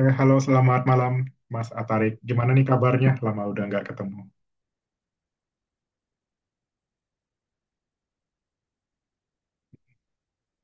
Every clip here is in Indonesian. Halo, selamat malam, Mas Atarik. Gimana nih kabarnya? Lama udah nggak ketemu.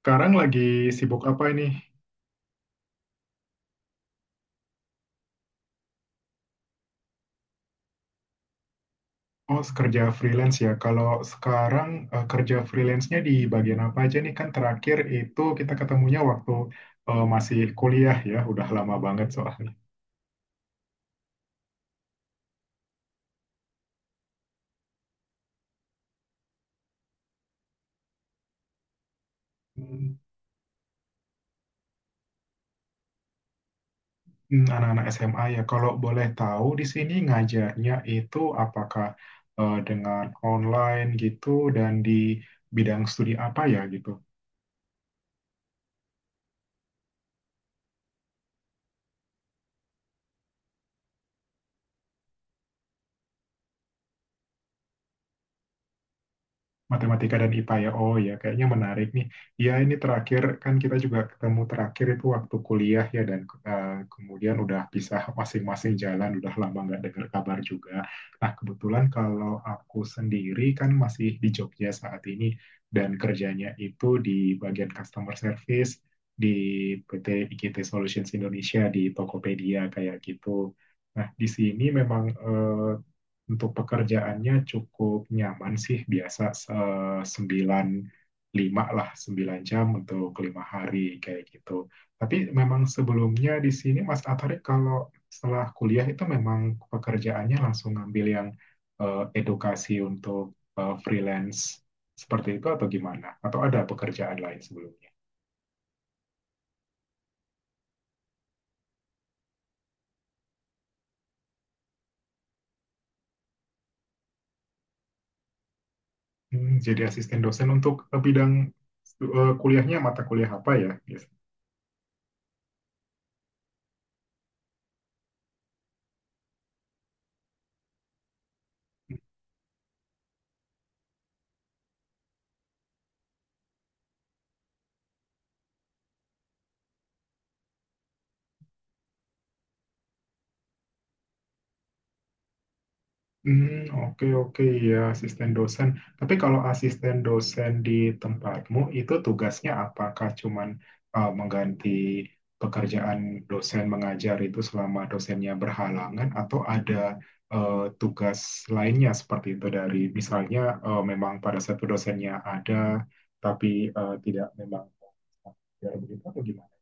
Sekarang lagi sibuk apa ini? Oh, kerja freelance ya. Kalau sekarang kerja freelance-nya di bagian apa aja nih? Kan terakhir itu kita ketemunya waktu masih kuliah ya. Udah lama banget soalnya. Hmm, hmm, anak-anak SMA ya. Kalau boleh tahu di sini ngajarnya itu apakah dengan online gitu dan di bidang studi apa ya gitu? Matematika dan IPA ya. Oh ya, kayaknya menarik nih. Ya, ini terakhir kan kita juga ketemu terakhir itu waktu kuliah ya dan kemudian udah pisah masing-masing jalan, udah lama nggak dengar kabar juga. Nah, kebetulan kalau aku sendiri kan masih di Jogja saat ini dan kerjanya itu di bagian customer service di PT IKT Solutions Indonesia di Tokopedia kayak gitu. Nah, di sini memang untuk pekerjaannya cukup nyaman sih, biasa sembilan lima lah, 9 jam untuk 5 hari kayak gitu. Tapi memang sebelumnya di sini Mas Atari kalau setelah kuliah itu memang pekerjaannya langsung ngambil yang edukasi untuk freelance seperti itu atau gimana? Atau ada pekerjaan lain sebelumnya? Hmm, jadi asisten dosen untuk bidang kuliahnya mata kuliah apa ya? Hmm, oke oke, ya asisten dosen. Tapi kalau asisten dosen di tempatmu itu tugasnya apakah cuman mengganti pekerjaan dosen mengajar itu selama dosennya berhalangan atau ada tugas lainnya seperti itu dari misalnya memang pada satu dosennya ada tapi tidak memang mengajar begitu atau gimana?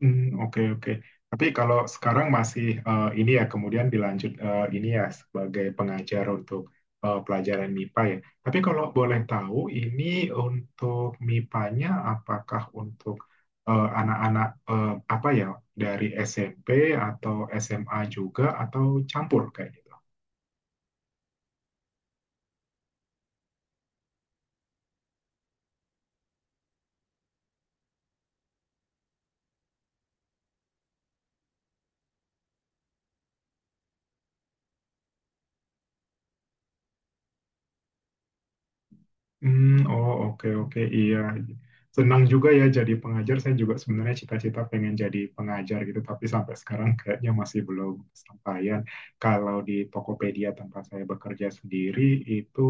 Hmm, oke oke. Tapi kalau sekarang masih ini ya, kemudian dilanjut ini ya sebagai pengajar untuk pelajaran MIPA ya. Tapi kalau boleh tahu ini untuk MIPA-nya apakah untuk anak-anak apa ya, dari SMP atau SMA juga atau campur kayak gitu? Hmm, oh oke oke iya. Senang juga ya jadi pengajar. Saya juga sebenarnya cita-cita pengen jadi pengajar gitu, tapi sampai sekarang kayaknya masih belum kesampaian. Kalau di Tokopedia tempat saya bekerja sendiri itu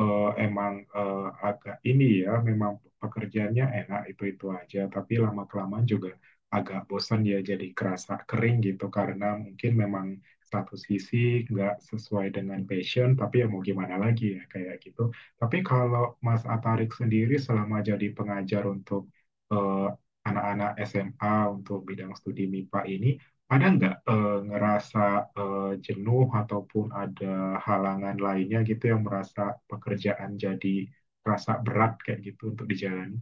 emang agak ini ya, memang pekerjaannya enak itu-itu aja, tapi lama-kelamaan juga agak bosan ya, jadi kerasa kering gitu karena mungkin memang satu sisi nggak sesuai dengan passion, tapi ya mau gimana lagi ya kayak gitu. Tapi kalau Mas Atarik sendiri selama jadi pengajar untuk eh, anak-anak SMA untuk bidang studi MIPA ini, ada nggak ngerasa jenuh ataupun ada halangan lainnya gitu yang merasa pekerjaan jadi rasa berat kayak gitu untuk dijalani?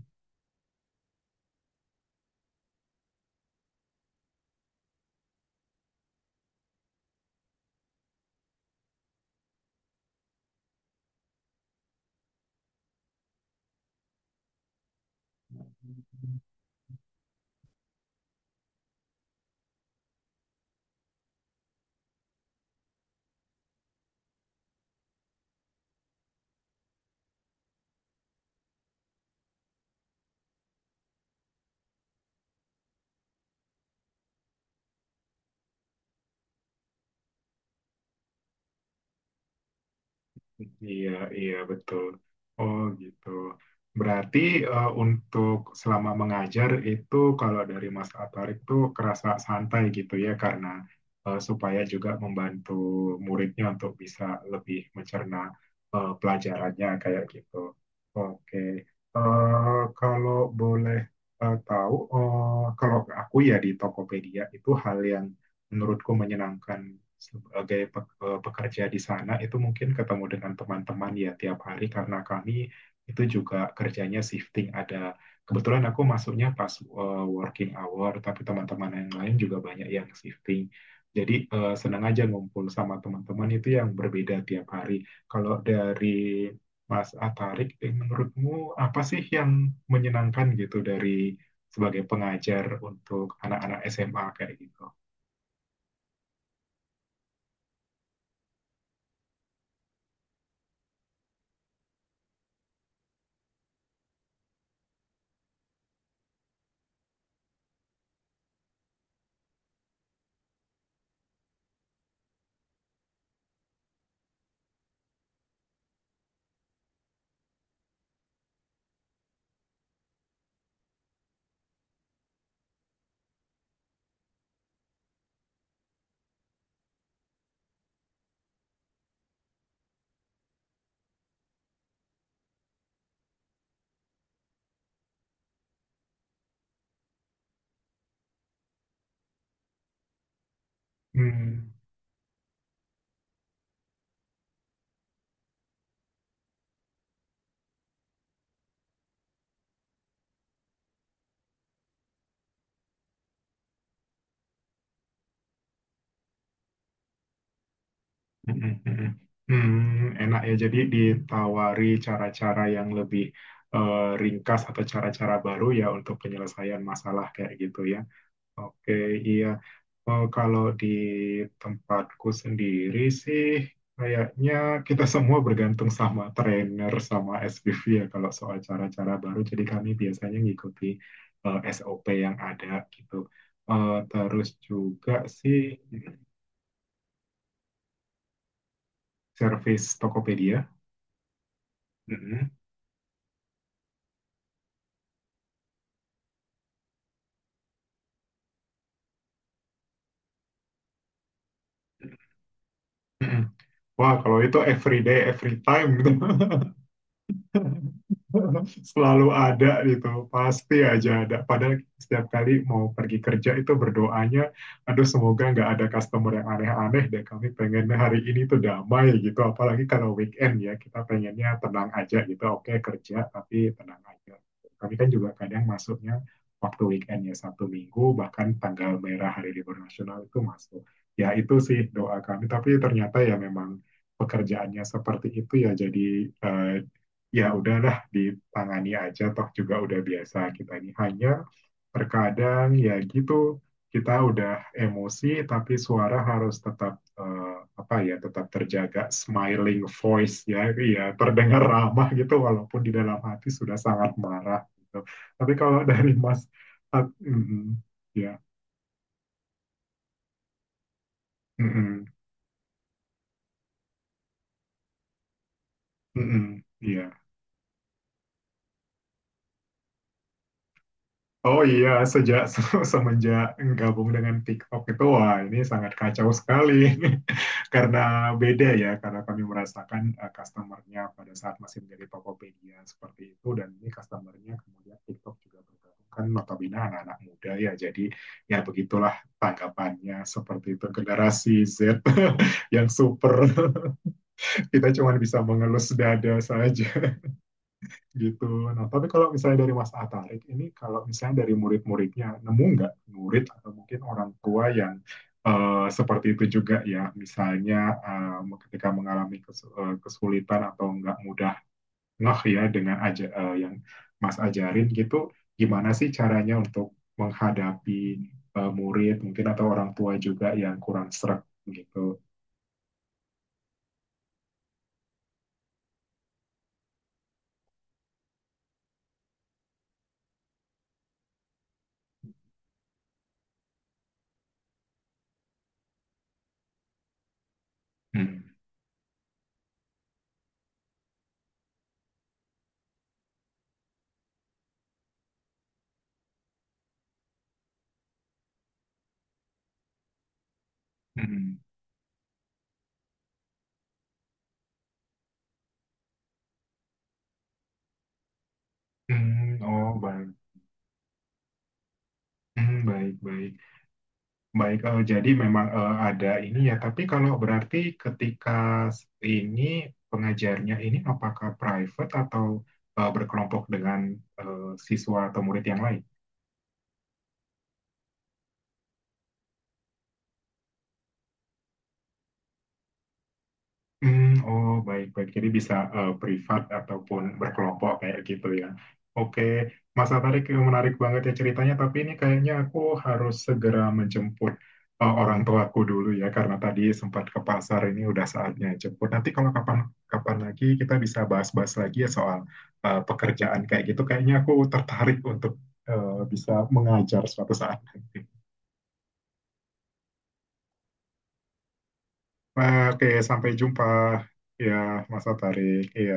Iya, iya betul. Oh gitu. Berarti untuk selama mengajar itu kalau dari Mas Atarik tuh kerasa santai gitu ya karena supaya juga membantu muridnya untuk bisa lebih mencerna pelajarannya kayak gitu. Oke. Kalau boleh tahu, kalau aku ya di Tokopedia itu hal yang menurutku menyenangkan sebagai pekerja di sana itu mungkin ketemu dengan teman-teman ya tiap hari karena kami itu juga kerjanya shifting. Ada kebetulan aku masuknya pas working hour, tapi teman-teman yang lain juga banyak yang shifting, jadi senang aja ngumpul sama teman-teman itu yang berbeda tiap hari. Kalau dari Mas Atarik, menurutmu apa sih yang menyenangkan gitu dari sebagai pengajar untuk anak-anak SMA kayak gitu? Hmm, hmm, mm, mm, mm. Hmm, enak ya. Jadi ditawari cara-cara yang lebih eh, ringkas atau cara-cara baru ya untuk penyelesaian masalah kayak gitu ya. Oke, iya. Kalau di tempatku sendiri sih kayaknya kita semua bergantung sama trainer sama SPV ya kalau soal cara-cara baru. Jadi kami biasanya ngikuti SOP yang ada gitu. Terus juga sih, service Tokopedia. Mm-mm. Wah, kalau itu every day, every time gitu. Selalu ada gitu, pasti aja ada. Padahal setiap kali mau pergi kerja itu berdoanya, aduh semoga nggak ada customer yang aneh-aneh deh. Kami pengennya hari ini tuh damai gitu. Apalagi kalau weekend ya, kita pengennya tenang aja gitu. Oke kerja, tapi tenang aja. Kami kan juga kadang masuknya waktu weekend ya, 1 minggu, bahkan tanggal merah hari libur nasional itu masuk. Ya itu sih doa kami, tapi ternyata ya memang pekerjaannya seperti itu ya, jadi ya udahlah ditangani aja, toh juga udah biasa kita ini. Hanya terkadang ya gitu, kita udah emosi tapi suara harus tetap eh, apa ya, tetap terjaga smiling voice ya, ya terdengar ramah gitu walaupun di dalam hati sudah sangat marah gitu. Tapi kalau dari Mas mm, mm, ya mm, mm, mm, mm, iya. Oh iya, sejak semenjak gabung dengan TikTok itu, wah ini sangat kacau sekali karena beda ya, karena kami merasakan customernya pada saat masih menjadi Tokopedia seperti itu dan ini customernya kemudian TikTok juga bergabung, kan notabene anak-anak muda ya, jadi ya begitulah tanggapannya seperti itu, generasi Z yang super kita cuma bisa mengelus dada saja gitu. Nah, tapi kalau misalnya dari Mas Atarik ini, kalau misalnya dari murid-muridnya, nemu nggak murid atau mungkin orang tua yang seperti itu juga ya, misalnya ketika mengalami kesulitan atau nggak mudah ngeh ya dengan aja yang Mas ajarin gitu, gimana sih caranya untuk menghadapi murid mungkin atau orang tua juga yang kurang sreg gitu. Hmm. Hmm. Hmm. Oh, baik. Hmm, baik, baik. Baik, jadi memang ada ini ya, tapi kalau berarti ketika ini pengajarnya ini apakah private atau berkelompok dengan eh, siswa atau murid yang lain? Hmm, oh baik-baik. Jadi bisa privat ataupun berkelompok kayak gitu ya. Oke, Mas Atarik, menarik banget ya ceritanya. Tapi ini kayaknya aku harus segera menjemput orang tuaku dulu ya, karena tadi sempat ke pasar, ini udah saatnya jemput. Nanti kalau kapan-kapan lagi kita bisa bahas-bahas lagi ya soal pekerjaan kayak gitu. Kayaknya aku tertarik untuk bisa mengajar suatu saat nanti. Oke, sampai jumpa ya Mas Atarik. Ya.